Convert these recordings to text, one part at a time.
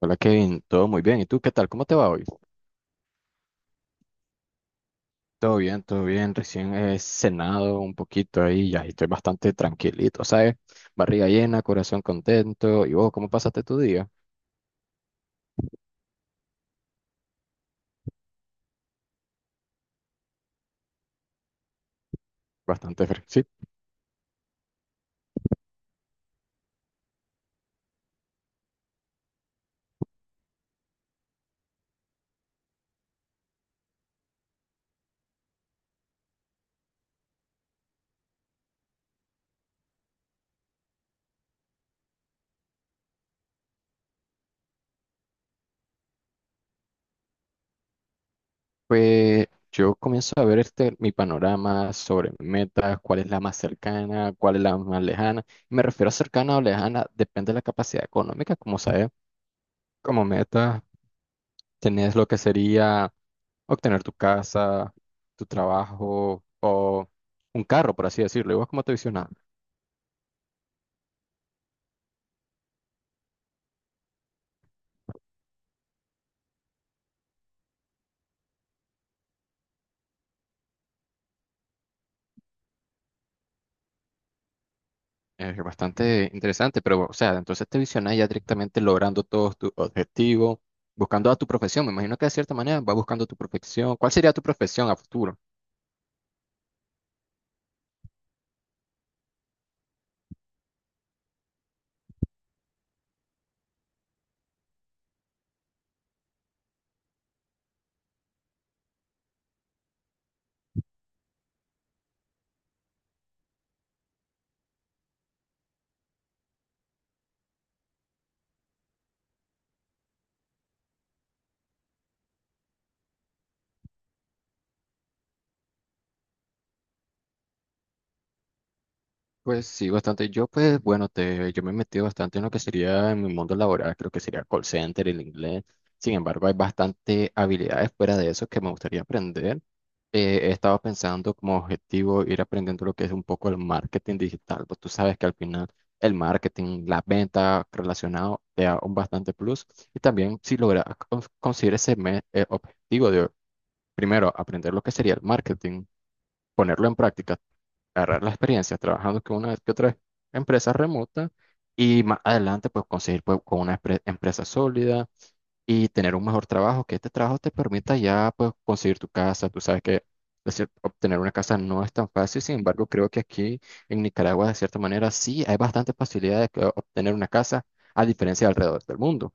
Hola Kevin, todo muy bien. ¿Y tú qué tal? ¿Cómo te va hoy? Todo bien, todo bien. Recién he cenado un poquito ahí, ya y estoy bastante tranquilito, ¿sabes? Barriga llena, corazón contento. ¿Y vos cómo pasaste tu día? Bastante fresco. Sí, pues yo comienzo a ver este, mi panorama sobre metas, cuál es la más cercana, cuál es la más lejana. Me refiero a cercana o lejana, depende de la capacidad económica, como sabes. Como meta, tenés lo que sería obtener tu casa, tu trabajo o un carro, por así decirlo. ¿Y vos cómo te visionás? Es bastante interesante, pero, o sea, entonces te visionás ya directamente logrando todos tus objetivos, buscando a tu profesión. Me imagino que de cierta manera vas buscando tu profesión. ¿Cuál sería tu profesión a futuro? Pues sí, bastante. Yo, pues, bueno, yo me he metido bastante en lo que sería en mi mundo laboral, creo que sería call center, el inglés. Sin embargo, hay bastante habilidades fuera de eso que me gustaría aprender. He estado pensando como objetivo ir aprendiendo lo que es un poco el marketing digital. Pues tú sabes que al final el marketing, las ventas relacionado te da un bastante plus. Y también si logras conseguir objetivo de primero aprender lo que sería el marketing, ponerlo en práctica, agarrar la experiencia trabajando con una que otra empresa remota y más adelante pues conseguir, pues, con una empresa sólida y tener un mejor trabajo, que este trabajo te permita ya pues conseguir tu casa. Tú sabes que decir, obtener una casa no es tan fácil. Sin embargo, creo que aquí en Nicaragua de cierta manera sí hay bastantes facilidad de que obtener una casa a diferencia de alrededor del mundo.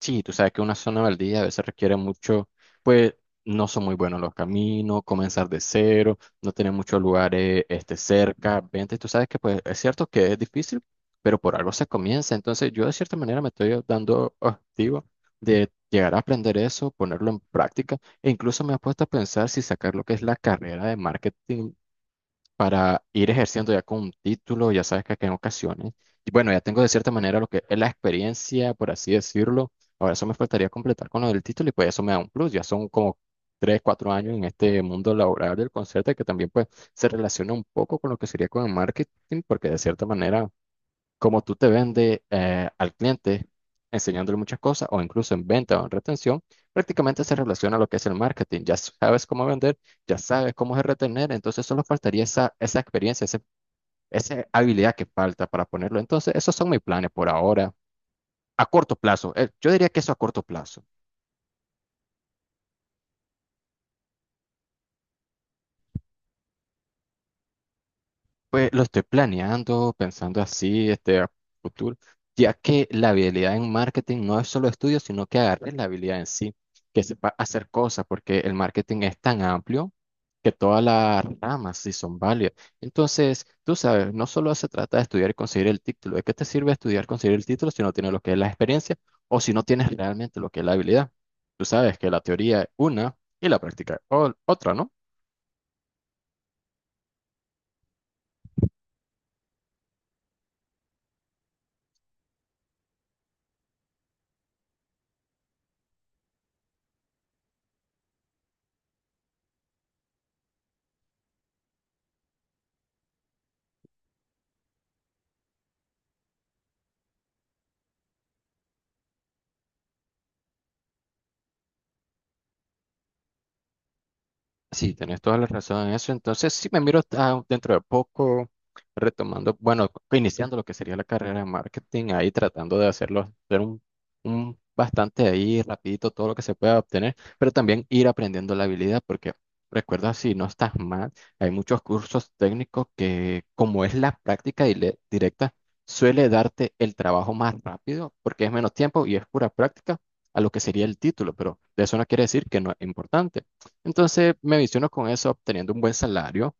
Sí, tú sabes que una zona baldía a veces requiere mucho, pues no son muy buenos los caminos, comenzar de cero, no tener muchos lugares cerca, vente, tú sabes que pues es cierto que es difícil, pero por algo se comienza. Entonces yo de cierta manera me estoy dando objetivo de llegar a aprender eso, ponerlo en práctica, e incluso me he puesto a pensar si sacar lo que es la carrera de marketing para ir ejerciendo ya con un título. Ya sabes que en ocasiones, y bueno, ya tengo de cierta manera lo que es la experiencia, por así decirlo. Ahora eso me faltaría completar con lo del título y pues eso me da un plus. Ya son como 3, 4 años en este mundo laboral del concierto, que también pues se relaciona un poco con lo que sería con el marketing, porque de cierta manera como tú te vendes al cliente, enseñándole muchas cosas, o incluso en venta o en retención, prácticamente se relaciona a lo que es el marketing. Ya sabes cómo vender, ya sabes cómo es retener. Entonces solo faltaría esa experiencia, esa habilidad que falta para ponerlo. Entonces, esos son mis planes por ahora, a corto plazo. Yo diría que eso a corto plazo. Pues lo estoy planeando, pensando así, a futuro, ya que la habilidad en marketing no es solo estudio, sino que agarres la habilidad en sí, que sepa hacer cosas, porque el marketing es tan amplio que todas las ramas sí son válidas. Entonces, tú sabes, no solo se trata de estudiar y conseguir el título. ¿De qué te sirve estudiar, conseguir el título si no tienes lo que es la experiencia o si no tienes realmente lo que es la habilidad? Tú sabes que la teoría es una y la práctica es otra, ¿no? Sí, tenés toda la razón en eso. Entonces, sí me miro dentro de poco retomando, bueno, iniciando lo que sería la carrera de marketing, ahí tratando de hacerlo, hacer un bastante ahí rapidito todo lo que se pueda obtener, pero también ir aprendiendo la habilidad, porque recuerda, si no estás mal, hay muchos cursos técnicos que, como es la práctica directa, suele darte el trabajo más rápido, porque es menos tiempo y es pura práctica a lo que sería el título, pero de eso no quiere decir que no es importante. Entonces me visiono con eso obteniendo un buen salario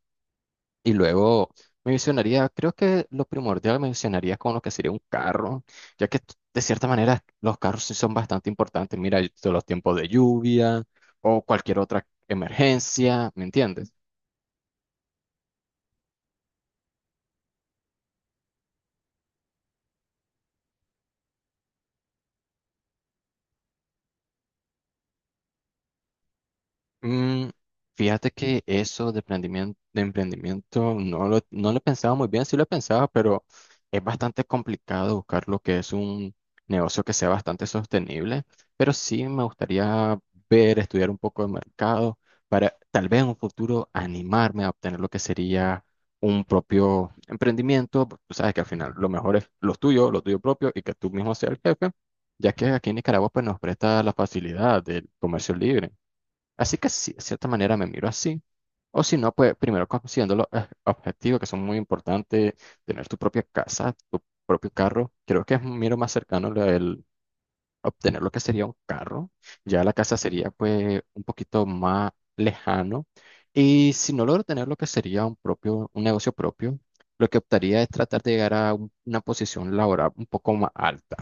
y luego me visionaría, creo que lo primordial me visionaría con lo que sería un carro, ya que de cierta manera los carros sí son bastante importantes. Mira, de los tiempos de lluvia o cualquier otra emergencia, ¿me entiendes? Mm, Fíjate que eso de emprendimiento no lo pensaba muy bien, sí lo pensaba, pero es bastante complicado buscar lo que es un negocio que sea bastante sostenible. Pero sí me gustaría ver, estudiar un poco de mercado para tal vez en un futuro animarme a obtener lo que sería un propio emprendimiento. Porque tú sabes que al final lo mejor es lo tuyo propio, y que tú mismo seas el jefe, ya que aquí en Nicaragua pues nos presta la facilidad del comercio libre. Así que sí, de cierta manera me miro así. O si no, pues primero considerando los objetivos que son muy importantes, tener tu propia casa, tu propio carro. Creo que es un miro más cercano lo del obtener lo que sería un carro. Ya la casa sería pues un poquito más lejano. Y si no logro tener lo que sería un propio, un negocio propio, lo que optaría es tratar de llegar a una posición laboral un poco más alta.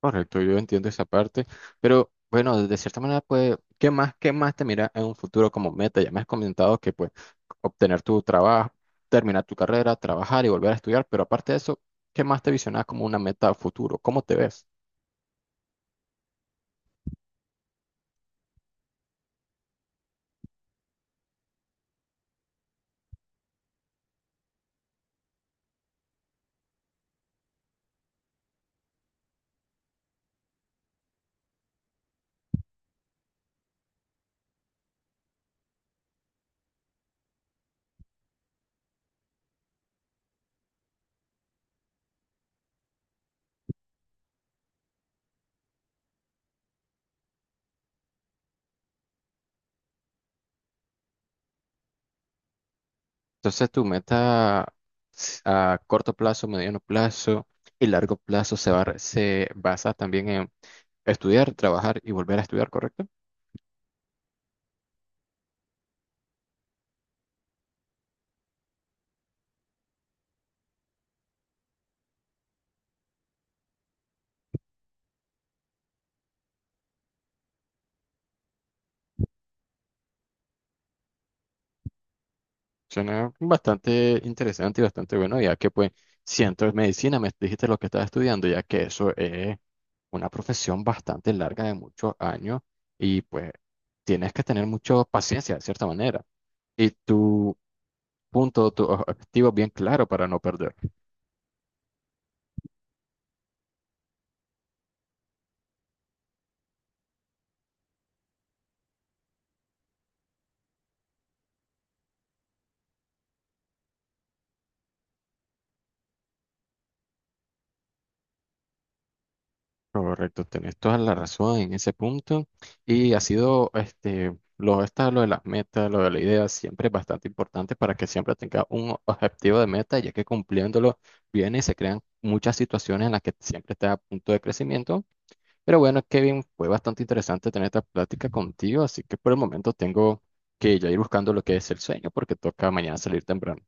Correcto, yo entiendo esa parte, pero bueno, de cierta manera, pues, ¿qué más te mira en un futuro como meta? Ya me has comentado que, pues, obtener tu trabajo, terminar tu carrera, trabajar y volver a estudiar, pero aparte de eso, ¿qué más te visionas como una meta a futuro? ¿Cómo te ves? Entonces, tu meta a corto plazo, mediano plazo y largo plazo se va, se basa también en estudiar, trabajar y volver a estudiar, ¿correcto? Suena bastante interesante y bastante bueno, ya que pues siento medicina, me dijiste lo que estás estudiando, ya que eso es una profesión bastante larga de muchos años, y pues tienes que tener mucha paciencia de cierta manera y tu punto, tu objetivo bien claro para no perder. Correcto, tenés toda la razón en ese punto, y ha sido este lo esta lo de las metas, lo de la idea siempre es bastante importante para que siempre tenga un objetivo de meta, ya que cumpliéndolo bien y se crean muchas situaciones en las que siempre está a punto de crecimiento. Pero bueno, Kevin, fue bastante interesante tener esta plática contigo, así que por el momento tengo que ya ir buscando lo que es el sueño porque toca mañana salir temprano.